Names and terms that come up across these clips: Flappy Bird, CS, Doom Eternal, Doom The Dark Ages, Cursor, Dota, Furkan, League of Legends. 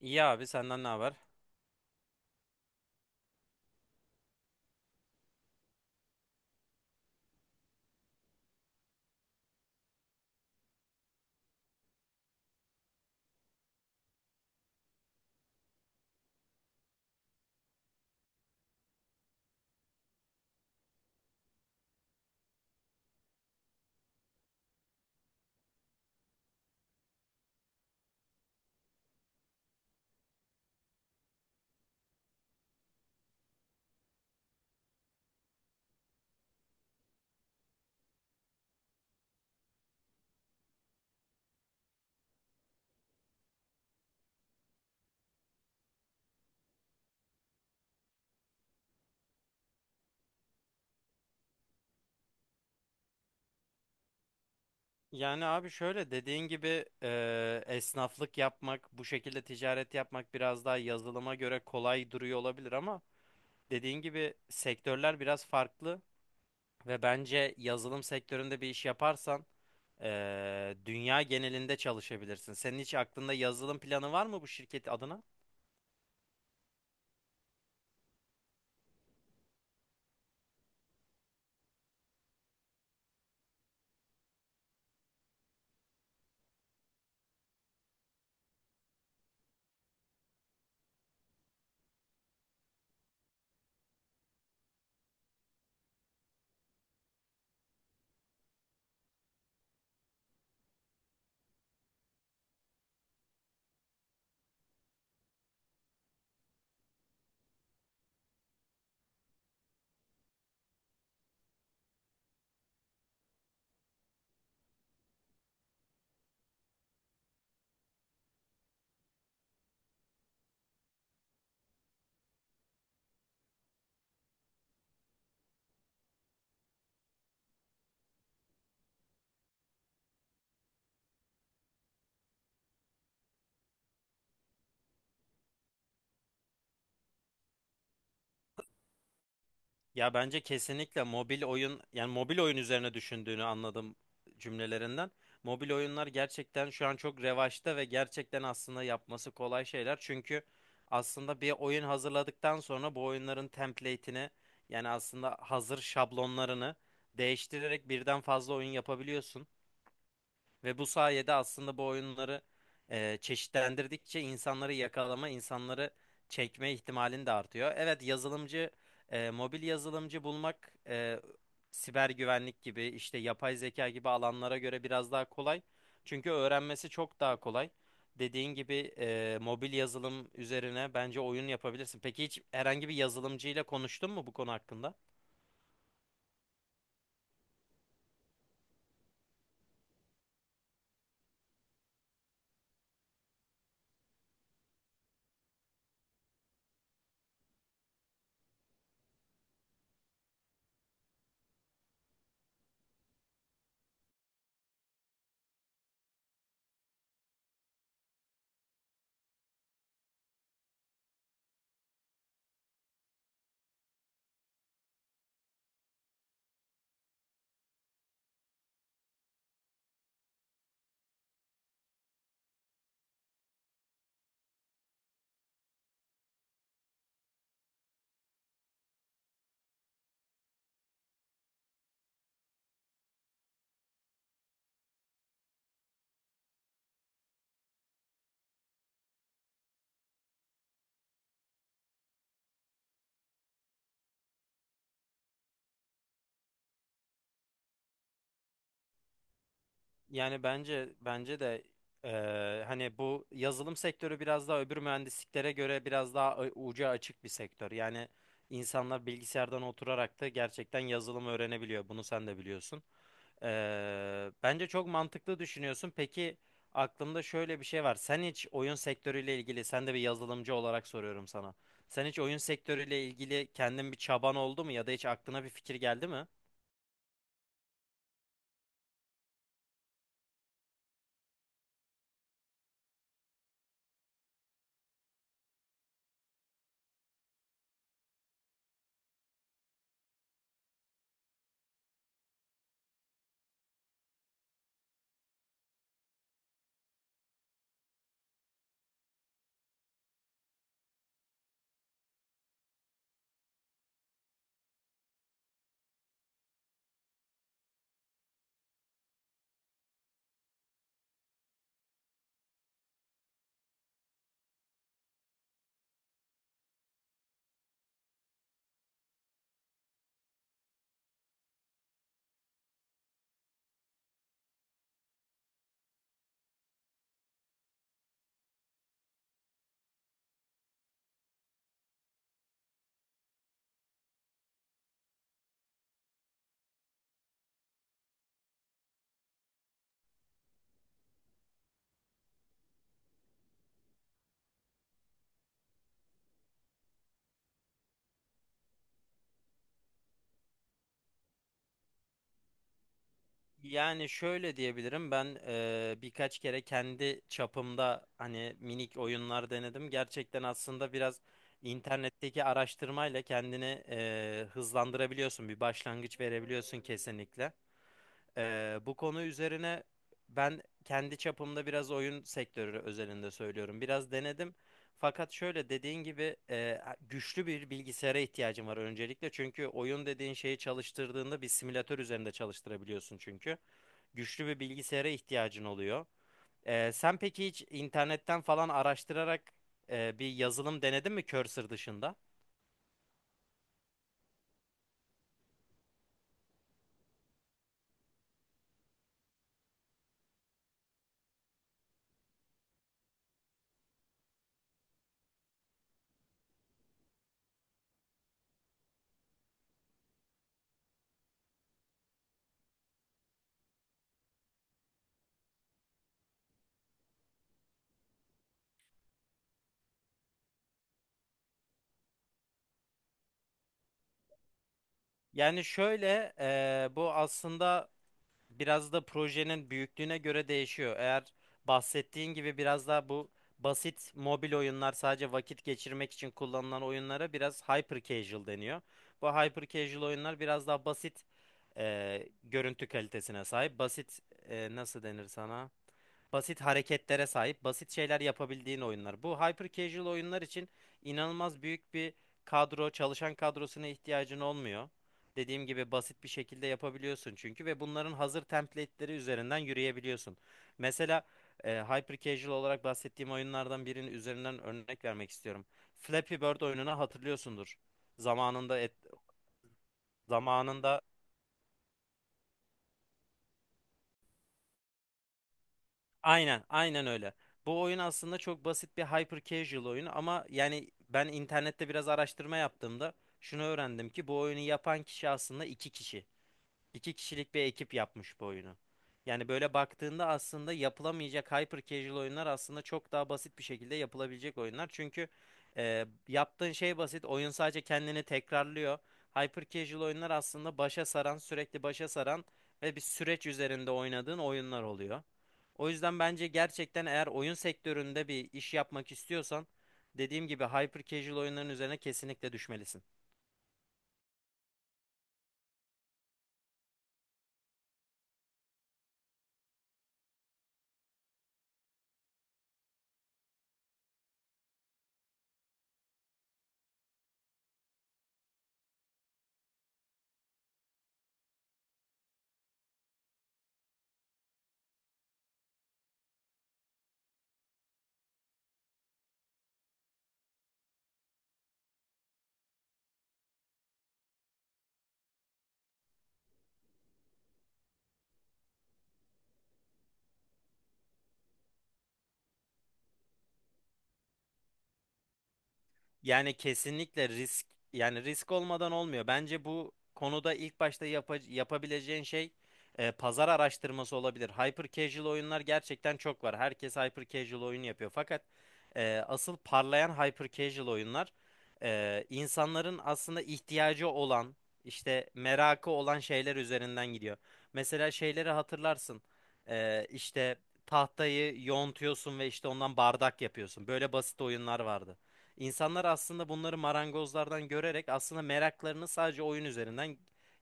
İyi abi senden ne haber? Yani abi şöyle dediğin gibi esnaflık yapmak, bu şekilde ticaret yapmak biraz daha yazılıma göre kolay duruyor olabilir ama dediğin gibi sektörler biraz farklı ve bence yazılım sektöründe bir iş yaparsan dünya genelinde çalışabilirsin. Senin hiç aklında yazılım planı var mı bu şirket adına? Ya bence kesinlikle mobil oyun, yani mobil oyun üzerine düşündüğünü anladım cümlelerinden. Mobil oyunlar gerçekten şu an çok revaçta ve gerçekten aslında yapması kolay şeyler. Çünkü aslında bir oyun hazırladıktan sonra bu oyunların template'ini, yani aslında hazır şablonlarını değiştirerek birden fazla oyun yapabiliyorsun. Ve bu sayede aslında bu oyunları çeşitlendirdikçe insanları yakalama, insanları çekme ihtimalin de artıyor. Evet, yazılımcı, mobil yazılımcı bulmak siber güvenlik gibi, işte yapay zeka gibi alanlara göre biraz daha kolay. Çünkü öğrenmesi çok daha kolay. Dediğin gibi mobil yazılım üzerine bence oyun yapabilirsin. Peki hiç herhangi bir yazılımcıyla konuştun mu bu konu hakkında? Yani bence de hani bu yazılım sektörü biraz daha öbür mühendisliklere göre biraz daha ucu açık bir sektör. Yani insanlar bilgisayardan oturarak da gerçekten yazılım öğrenebiliyor. Bunu sen de biliyorsun. Bence çok mantıklı düşünüyorsun. Peki aklımda şöyle bir şey var. Sen hiç oyun sektörüyle ilgili, sen de bir yazılımcı olarak soruyorum sana. Sen hiç oyun sektörüyle ilgili kendin bir çaban oldu mu ya da hiç aklına bir fikir geldi mi? Yani şöyle diyebilirim ben birkaç kere kendi çapımda hani minik oyunlar denedim. Gerçekten aslında biraz internetteki araştırmayla kendini hızlandırabiliyorsun. Bir başlangıç verebiliyorsun kesinlikle. Bu konu üzerine ben kendi çapımda biraz oyun sektörü özelinde söylüyorum. Biraz denedim. Fakat şöyle dediğin gibi güçlü bir bilgisayara ihtiyacım var öncelikle. Çünkü oyun dediğin şeyi çalıştırdığında bir simülatör üzerinde çalıştırabiliyorsun, çünkü güçlü bir bilgisayara ihtiyacın oluyor. Sen peki hiç internetten falan araştırarak bir yazılım denedin mi Cursor dışında? Yani şöyle bu aslında biraz da projenin büyüklüğüne göre değişiyor. Eğer bahsettiğin gibi biraz daha bu basit mobil oyunlar, sadece vakit geçirmek için kullanılan oyunlara biraz hyper casual deniyor. Bu hyper casual oyunlar biraz daha basit görüntü kalitesine sahip. Basit nasıl denir sana? Basit hareketlere sahip, basit şeyler yapabildiğin oyunlar. Bu hyper casual oyunlar için inanılmaz büyük bir kadro, çalışan kadrosuna ihtiyacın olmuyor. Dediğim gibi basit bir şekilde yapabiliyorsun çünkü, ve bunların hazır template'leri üzerinden yürüyebiliyorsun. Mesela hyper casual olarak bahsettiğim oyunlardan birinin üzerinden örnek vermek istiyorum. Flappy Bird oyununu hatırlıyorsundur. Zamanında zamanında aynen, aynen öyle. Bu oyun aslında çok basit bir hyper casual oyunu, ama yani ben internette biraz araştırma yaptığımda şunu öğrendim ki bu oyunu yapan kişi aslında iki kişi. İki kişilik bir ekip yapmış bu oyunu. Yani böyle baktığında aslında yapılamayacak hyper casual oyunlar aslında çok daha basit bir şekilde yapılabilecek oyunlar. Çünkü yaptığın şey basit. Oyun sadece kendini tekrarlıyor. Hyper casual oyunlar aslında başa saran, sürekli başa saran ve bir süreç üzerinde oynadığın oyunlar oluyor. O yüzden bence gerçekten eğer oyun sektöründe bir iş yapmak istiyorsan dediğim gibi hyper casual oyunların üzerine kesinlikle düşmelisin. Yani kesinlikle risk, yani risk olmadan olmuyor. Bence bu konuda ilk başta yapabileceğin şey pazar araştırması olabilir. Hyper casual oyunlar gerçekten çok var. Herkes hyper casual oyun yapıyor. Fakat asıl parlayan hyper casual oyunlar insanların aslında ihtiyacı olan, işte merakı olan şeyler üzerinden gidiyor. Mesela şeyleri hatırlarsın. İşte tahtayı yontuyorsun ve işte ondan bardak yapıyorsun. Böyle basit oyunlar vardı. İnsanlar aslında bunları marangozlardan görerek aslında meraklarını sadece oyun üzerinden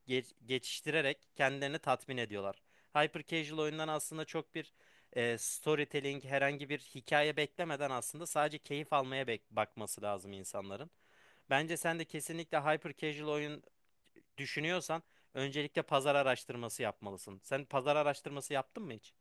geçiştirerek kendilerini tatmin ediyorlar. Hyper casual oyundan aslında çok bir storytelling, herhangi bir hikaye beklemeden aslında sadece keyif almaya bakması lazım insanların. Bence sen de kesinlikle hyper casual oyun düşünüyorsan öncelikle pazar araştırması yapmalısın. Sen pazar araştırması yaptın mı hiç?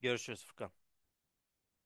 Görüşürüz Furkan.